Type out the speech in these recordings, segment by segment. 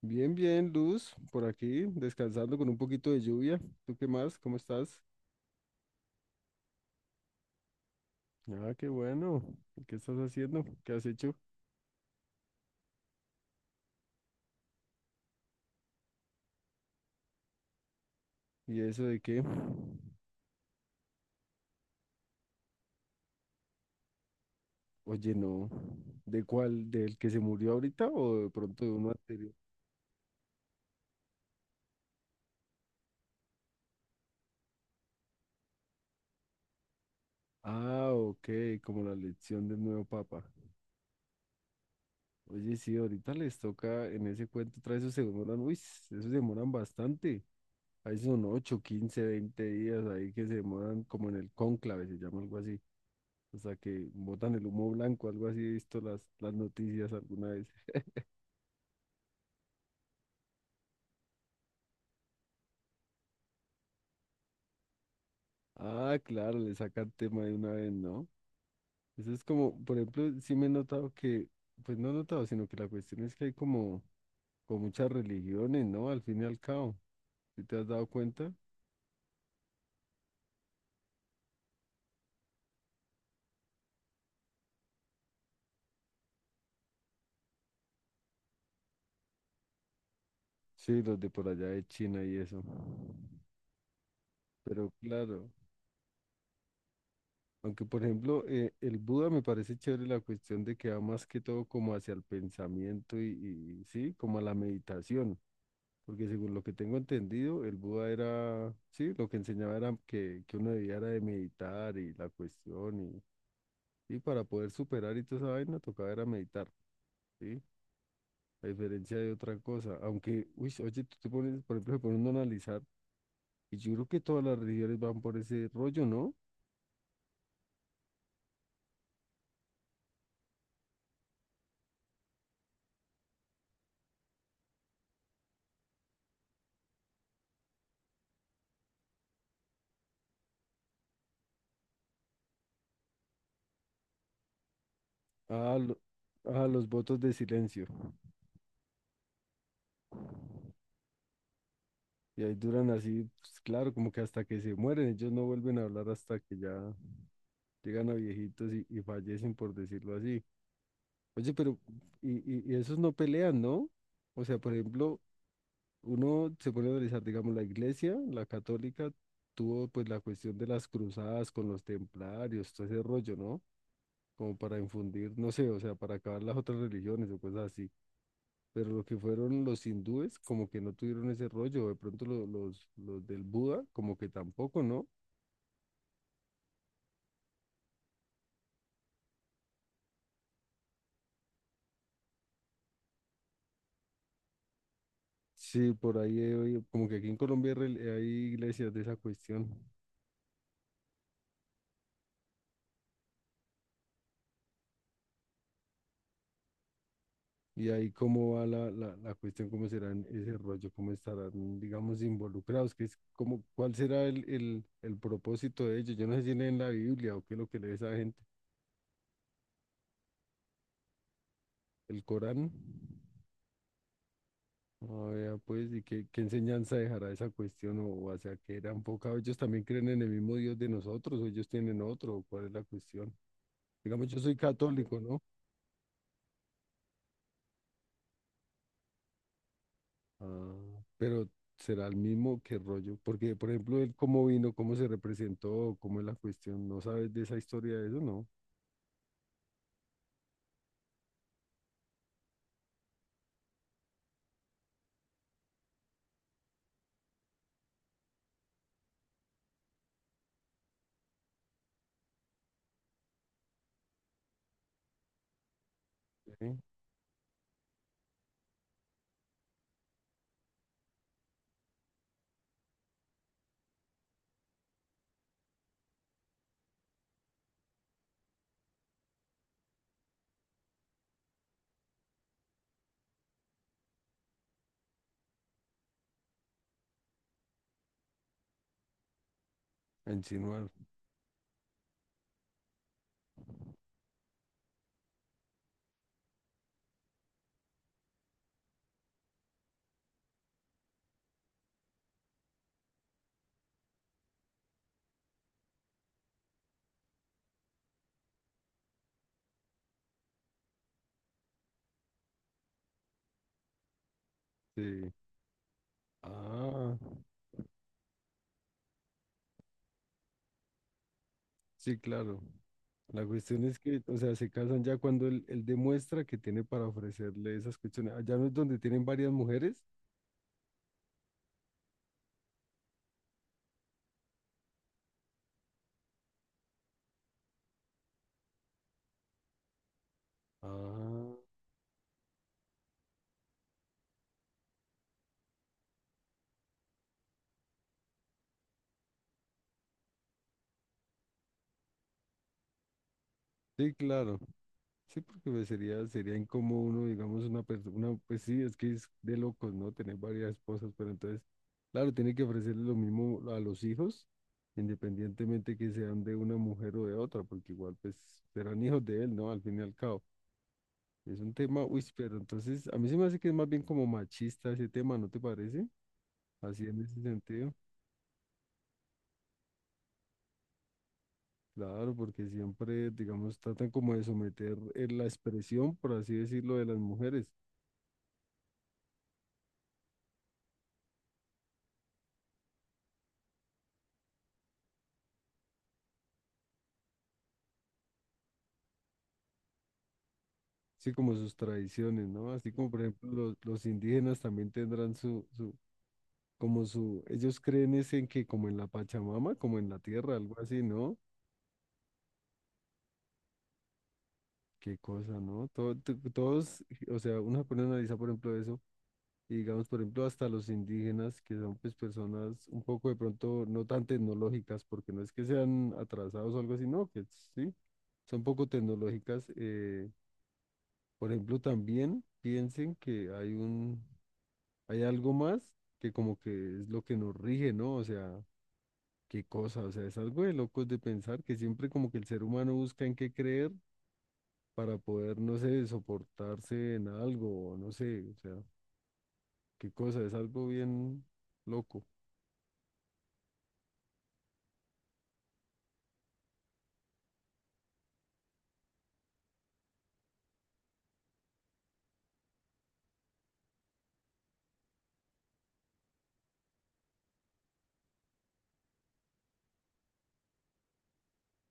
Bien, bien, Luz, por aquí, descansando con un poquito de lluvia. ¿Tú qué más? ¿Cómo estás? Ah, qué bueno. ¿Qué estás haciendo? ¿Qué has hecho? ¿Y eso de qué? Oye, no. ¿De cuál? ¿Del que se murió ahorita o de pronto de uno anterior? Ah, ok, como la elección del nuevo papa. Oye, sí, ahorita les toca en ese cuento, trae esos se demoran, uy, esos se demoran bastante. Ahí son 8, 15, 20 días ahí que se demoran como en el cónclave, se llama algo así. O sea, que botan el humo blanco, algo así he visto las noticias alguna vez. Ah, claro, le sacan tema de una vez, ¿no? Eso es como, por ejemplo, sí me he notado que, pues no he notado, sino que la cuestión es que hay como, con muchas religiones, ¿no? Al fin y al cabo, ¿sí te has dado cuenta? Sí, los de por allá de China y eso. Pero claro, aunque por ejemplo el Buda me parece chévere la cuestión de que va más que todo como hacia el pensamiento y sí, como a la meditación. Porque según lo que tengo entendido, el Buda era, sí, lo que enseñaba era que uno debía era de meditar y la cuestión y para poder superar y toda esa vaina tocaba era meditar, ¿sí? A diferencia de otra cosa. Aunque, uy, oye, tú te pones, por ejemplo, se pone uno a analizar y yo creo que todas las religiones van por ese rollo, ¿no? A, lo- a los votos de silencio. Y ahí duran así, pues, claro, como que hasta que se mueren, ellos no vuelven a hablar hasta que ya llegan a viejitos y fallecen, por decirlo así. Oye, pero y esos no pelean, ¿no? O sea, por ejemplo, uno se pone a analizar, digamos, la iglesia, la católica, tuvo pues la cuestión de las cruzadas con los templarios, todo ese rollo, ¿no? Como para infundir, no sé, o sea, para acabar las otras religiones o cosas así. Pero lo que fueron los hindúes, como que no tuvieron ese rollo, o de pronto los del Buda, como que tampoco, ¿no? Sí, por ahí, he oído, como que aquí en Colombia hay iglesias de esa cuestión. Y ahí cómo va la cuestión, cómo serán ese rollo, cómo estarán, digamos, involucrados, que es como, cuál será el propósito de ellos. Yo no sé si leen la Biblia o qué es lo que lee esa gente, el Corán. Ah, vea, pues, y qué enseñanza dejará esa cuestión, o hacia qué era enfocado. ¿Ellos también creen en el mismo Dios de nosotros, o ellos tienen otro, o cuál es la cuestión? Digamos, yo soy católico, ¿no? Ah, pero será el mismo que rollo, porque por ejemplo, él cómo vino, cómo se representó, cómo es la cuestión, no sabes de esa historia de eso, ¿no? Sí. A insinuar. Sí. Ah, sí, claro. La cuestión es que, o sea, se casan ya cuando él demuestra que tiene para ofrecerle esas cuestiones. Allá no es donde tienen varias mujeres. Ah, sí, claro. Sí, porque pues, sería incómodo uno, digamos, una persona, pues sí, es que es de locos, ¿no? Tener varias esposas, pero entonces, claro, tiene que ofrecerle lo mismo a los hijos, independientemente que sean de una mujer o de otra, porque igual, pues, serán hijos de él, ¿no? Al fin y al cabo. Es un tema, uy, pero entonces, a mí se me hace que es más bien como machista ese tema, ¿no te parece? Así en ese sentido. Claro, porque siempre, digamos, tratan como de someter la expresión, por así decirlo, de las mujeres. Sí, como sus tradiciones, ¿no? Así como por ejemplo los indígenas también tendrán su, ellos creen es en que como en la Pachamama, como en la tierra, algo así, ¿no? Qué cosa, ¿no? Todos, o sea, uno se pone a analizar por ejemplo eso, y digamos por ejemplo hasta los indígenas, que son pues personas un poco de pronto no tan tecnológicas, porque no es que sean atrasados o algo así, no, que sí, son poco tecnológicas. Por ejemplo, también piensen que hay algo más que como que es lo que nos rige, ¿no? O sea, qué cosa, o sea, es algo de locos de pensar que siempre como que el ser humano busca en qué creer para poder, no sé, soportarse en algo, o no sé, o sea, qué cosa, es algo bien loco.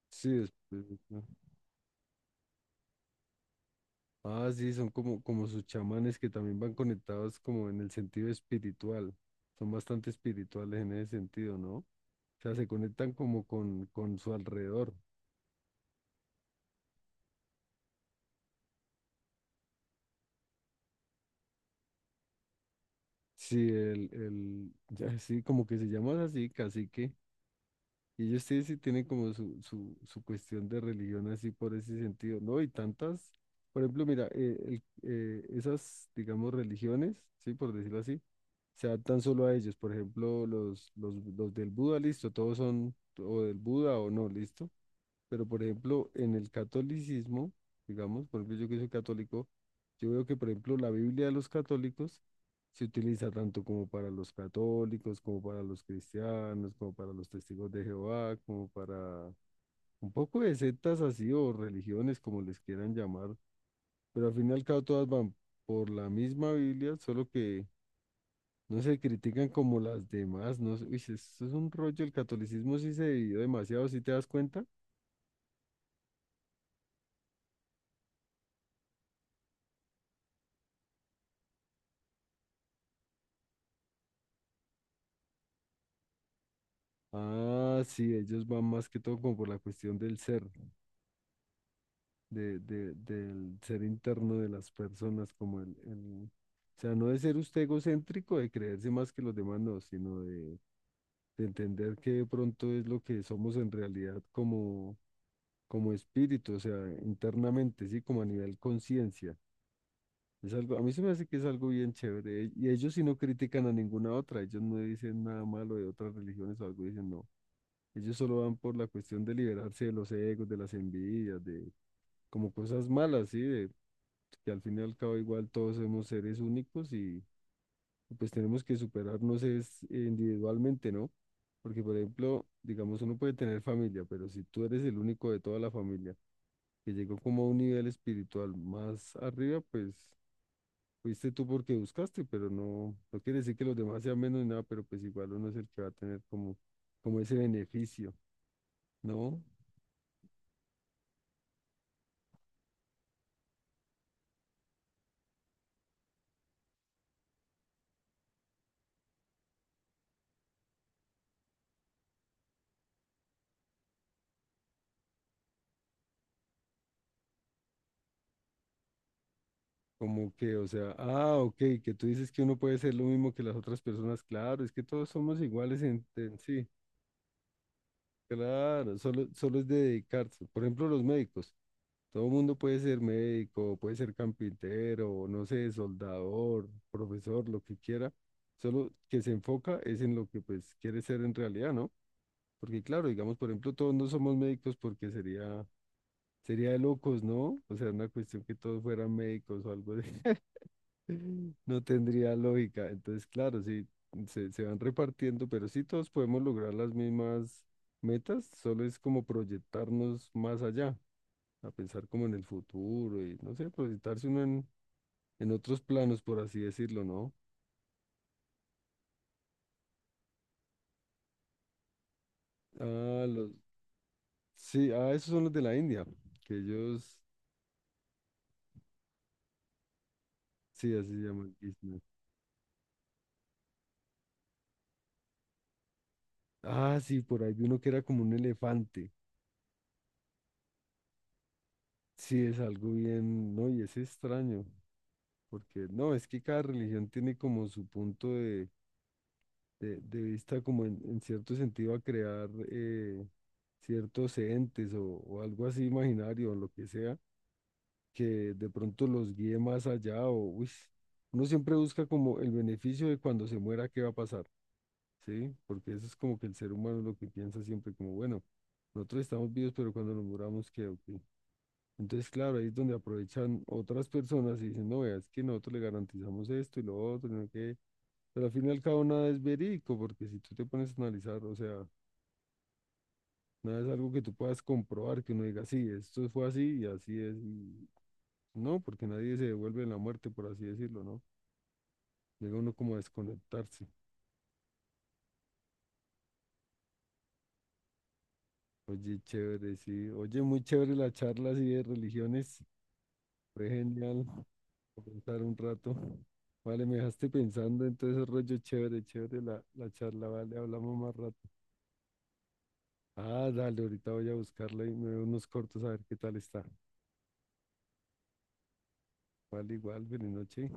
Sí, después, ¿no? Ah, sí, son como sus chamanes que también van conectados como en el sentido espiritual. Son bastante espirituales en ese sentido, ¿no? O sea, se conectan como con su alrededor. Sí, ya sí, como que se llaman así, cacique. Y ellos sí, sí tienen como su cuestión de religión así por ese sentido, ¿no? Y tantas, por ejemplo, mira, esas, digamos, religiones, sí, por decirlo así, se adaptan solo a ellos. Por ejemplo, los del Buda, listo, todos son o del Buda o no, listo. Pero, por ejemplo, en el catolicismo, digamos, por ejemplo, yo que soy católico, yo veo que, por ejemplo, la Biblia de los católicos se utiliza tanto como para los católicos, como para los cristianos, como para los testigos de Jehová, como para un poco de sectas así o religiones, como les quieran llamar. Pero al fin y al cabo todas van por la misma Biblia, solo que no se critican como las demás. No, sé, uy, si eso es un rollo. El catolicismo sí se dividió demasiado. ¿Si te das cuenta? Ah, sí, ellos van más que todo como por la cuestión del ser, del ser interno de las personas, como o sea, no de ser usted egocéntrico, de creerse más que los demás, no, sino de entender que de pronto es lo que somos en realidad como espíritu, o sea, internamente, sí, como a nivel conciencia. Es algo, a mí se me hace que es algo bien chévere. Y ellos sí no critican a ninguna otra, ellos no dicen nada malo de otras religiones o algo, dicen no. Ellos solo van por la cuestión de liberarse de los egos, de las envidias, de como cosas malas, ¿sí? De, que al fin y al cabo igual todos somos seres únicos y pues tenemos que superarnos es individualmente, ¿no? Porque por ejemplo, digamos, uno puede tener familia, pero si tú eres el único de toda la familia que llegó como a un nivel espiritual más arriba, pues fuiste tú porque buscaste, pero no, no quiere decir que los demás sean menos ni nada, pero pues igual uno es el que va a tener como ese beneficio, ¿no? Como que, o sea, ah, ok, que tú dices que uno puede ser lo mismo que las otras personas, claro, es que todos somos iguales en sí, claro, solo, solo es de dedicarse. Por ejemplo, los médicos, todo el mundo puede ser médico, puede ser carpintero, no sé, soldador, profesor, lo que quiera, solo que se enfoca es en lo que pues quiere ser en realidad, ¿no? Porque claro, digamos, por ejemplo, todos no somos médicos porque sería de locos, ¿no? O sea, una cuestión que todos fueran médicos o algo de. No tendría lógica. Entonces, claro, sí, se van repartiendo, pero sí todos podemos lograr las mismas metas, solo es como proyectarnos más allá, a pensar como en el futuro y, no sé, proyectarse uno en otros planos, por así decirlo, ¿no? Ah, los, sí, ah, esos son los de la India, que ellos, sí, así se llaman. Islas. Ah, sí, por ahí vi uno que era como un elefante. Sí, es algo bien, no, y es extraño. Porque no, es que cada religión tiene como su punto de vista, como en cierto sentido a crear ciertos entes o algo así imaginario, o lo que sea, que de pronto los guíe más allá o, uy, uno siempre busca como el beneficio de cuando se muera, qué va a pasar, ¿sí? Porque eso es como que el ser humano lo que piensa siempre, como, bueno, nosotros estamos vivos, pero cuando nos muramos, ¿qué? ¿O qué? Entonces, claro, ahí es donde aprovechan otras personas y dicen, no, vea, es que nosotros le garantizamos esto y lo otro, y no sé qué. Pero al fin y al cabo nada es verídico, porque si tú te pones a analizar, o sea, nada es algo que tú puedas comprobar, que uno diga, sí, esto fue así y así es. Y no, porque nadie se devuelve en la muerte, por así decirlo, ¿no? Llega uno como a desconectarse. Oye, chévere, sí. Oye, muy chévere la charla así de religiones. Fue genial pensar un rato. Vale, me dejaste pensando, entonces rollo chévere, chévere la charla, vale, hablamos más rato. Ah, dale, ahorita voy a buscarla y me veo unos cortos a ver qué tal está. Igual, igual, buenas noches.